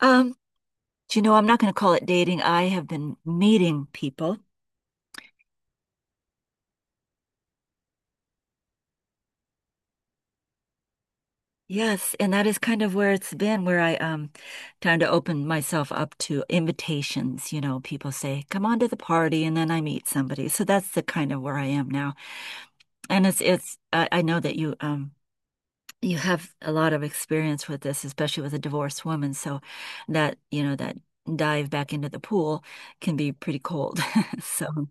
Um, do you know, I'm not going to call it dating. I have been meeting people. Yes, and that is kind of where it's been, where I trying to open myself up to invitations. You know, people say, "Come on to the party," and then I meet somebody. So that's the kind of where I am now. And it's I know that you you have a lot of experience with this, especially with a divorced woman. So that, you know, that dive back into the pool can be pretty cold. So,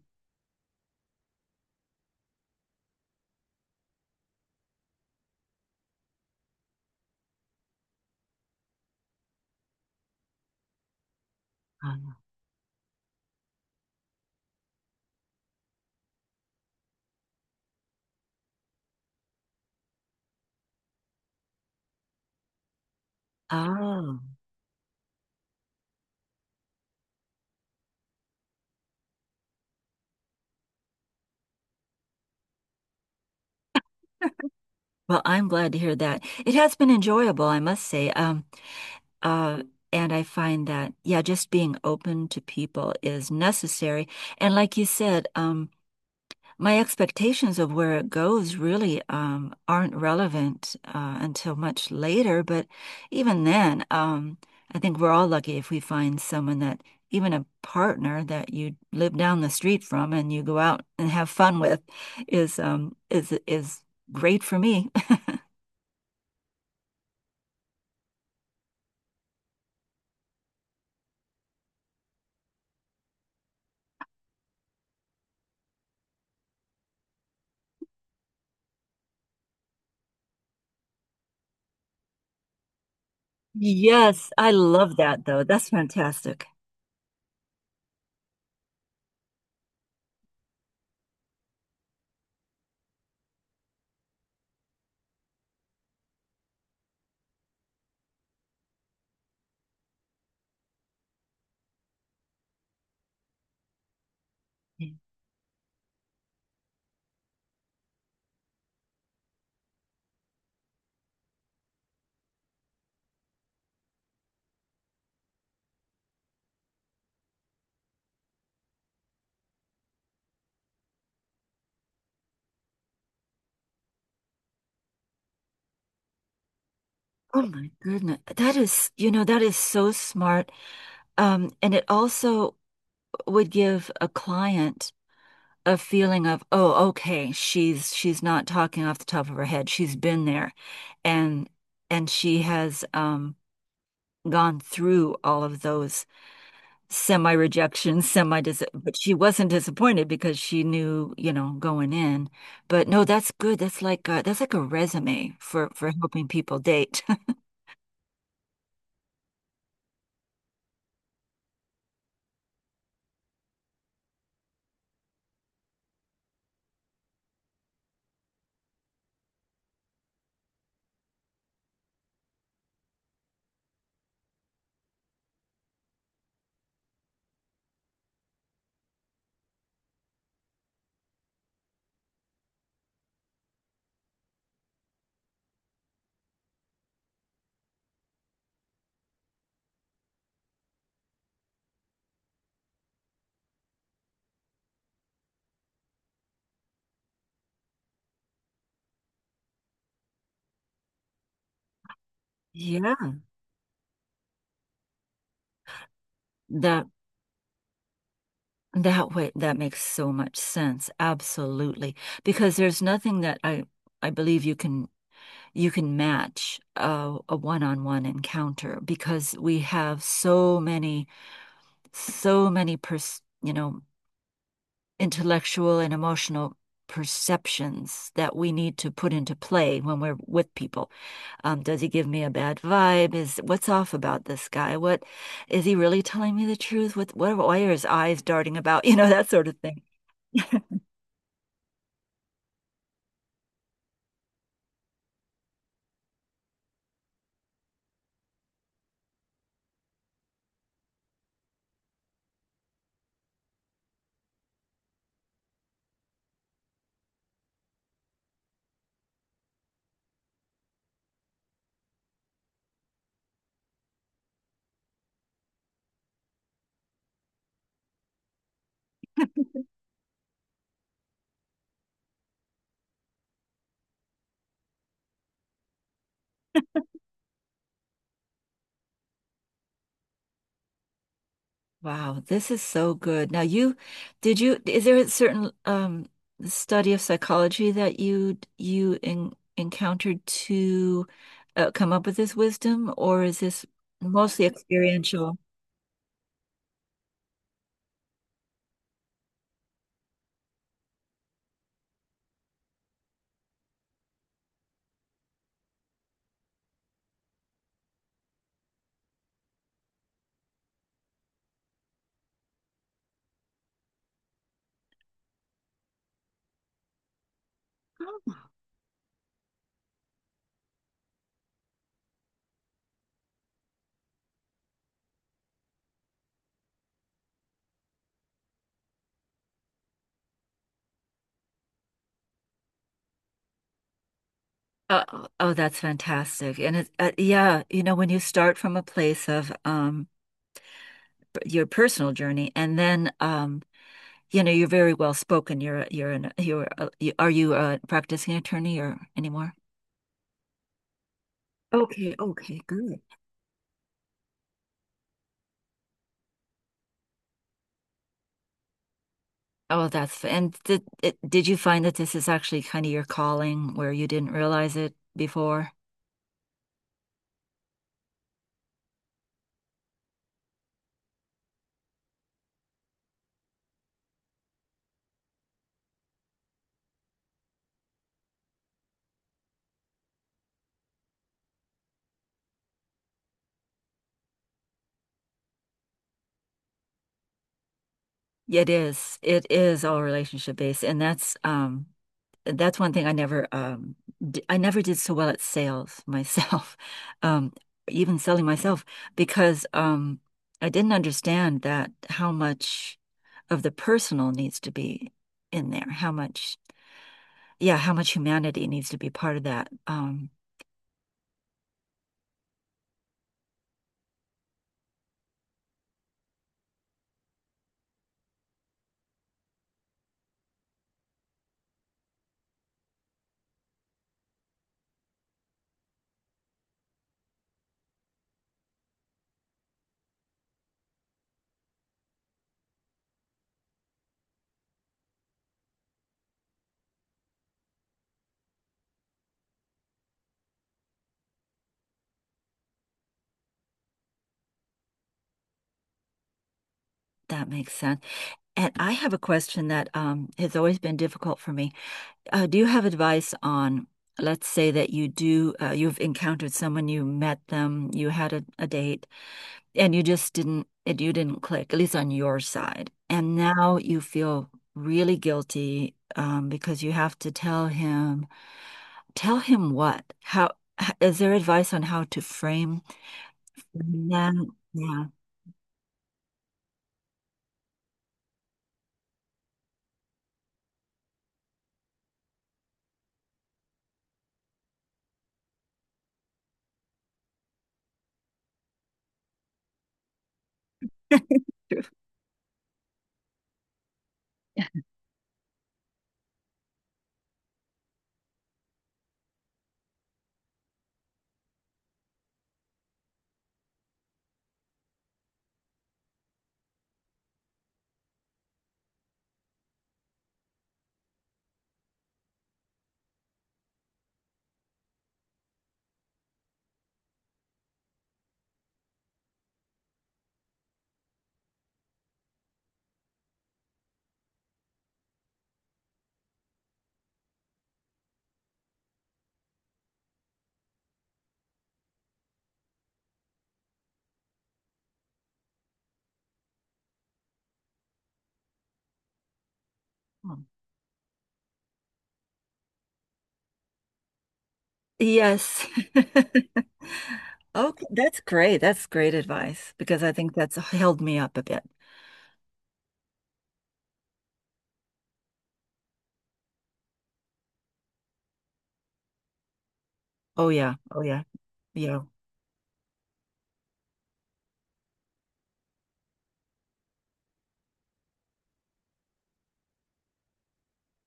um, oh. Well, I'm glad to hear that. It has been enjoyable, I must say. Uh, and I find that, yeah, just being open to people is necessary. And like you said, my expectations of where it goes really aren't relevant until much later. But even then, I think we're all lucky if we find someone that, even a partner that you live down the street from and you go out and have fun with, is great for me. Yes, I love that though. That's fantastic. Oh my goodness. That is, you know, that is so smart. And it also would give a client a feeling of, oh, okay, she's not talking off the top of her head. She's been there and and she has gone through all of those semi rejection, semi dis but she wasn't disappointed because she knew, you know, going in. But no, that's good. That's like a resume for helping people date. Yeah. That that way that makes so much sense. Absolutely. Because there's nothing that I believe you can match a one-on-one encounter because we have so many so many pers you know intellectual and emotional perceptions that we need to put into play when we're with people. Does he give me a bad vibe? Is what's off about this guy? What is he really telling me the truth? What why are his eyes darting about? You know, that sort of thing. Wow, this is so good. Now you did you is there a certain study of psychology that you en encountered to come up with this wisdom or is this mostly experiential? Oh, oh, that's fantastic. And it yeah, you know when you start from a place of your personal journey and then you know you're very well spoken. You're are you a practicing attorney or anymore? Okay, okay, good. And did you find that this is actually kind of your calling where you didn't realize it before? Yeah, it is. It is all relationship based, and that's one thing I never d I never did so well at sales myself, um even selling myself because I didn't understand that how much of the personal needs to be in there, how much yeah, how much humanity needs to be part of that. That makes sense. And I have a question that has always been difficult for me. Do you have advice on, let's say that you've encountered someone, you met them, you had a date, and you didn't click, at least on your side. And now you feel really guilty because you have to tell him what? How, is there advice on how to frame that? Yeah. Yes. Okay, that's great. That's great advice because I think that's held me up a bit. Oh yeah. Oh yeah. Yeah.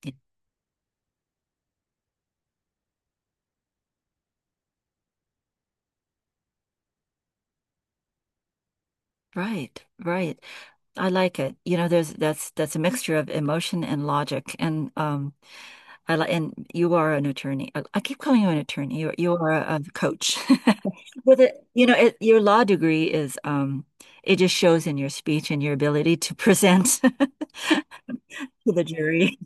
Yeah. Right. Right. I like it. You know, there's that's a mixture of emotion and logic. And I like and you are an attorney. I keep calling you an attorney. You are a coach. With it, you know, it, your law degree is it just shows in your speech and your ability to present to the jury.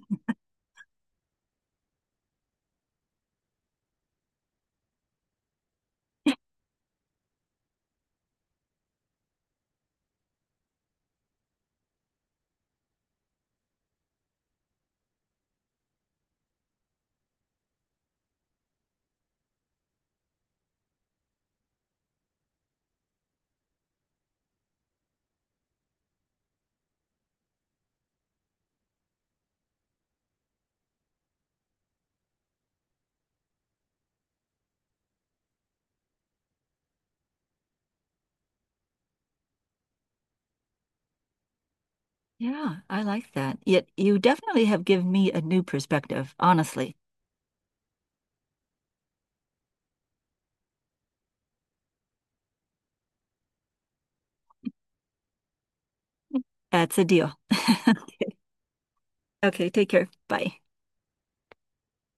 Yeah, I like that. Yet you definitely have given me a new perspective, honestly. That's a deal. Okay, take care. Bye.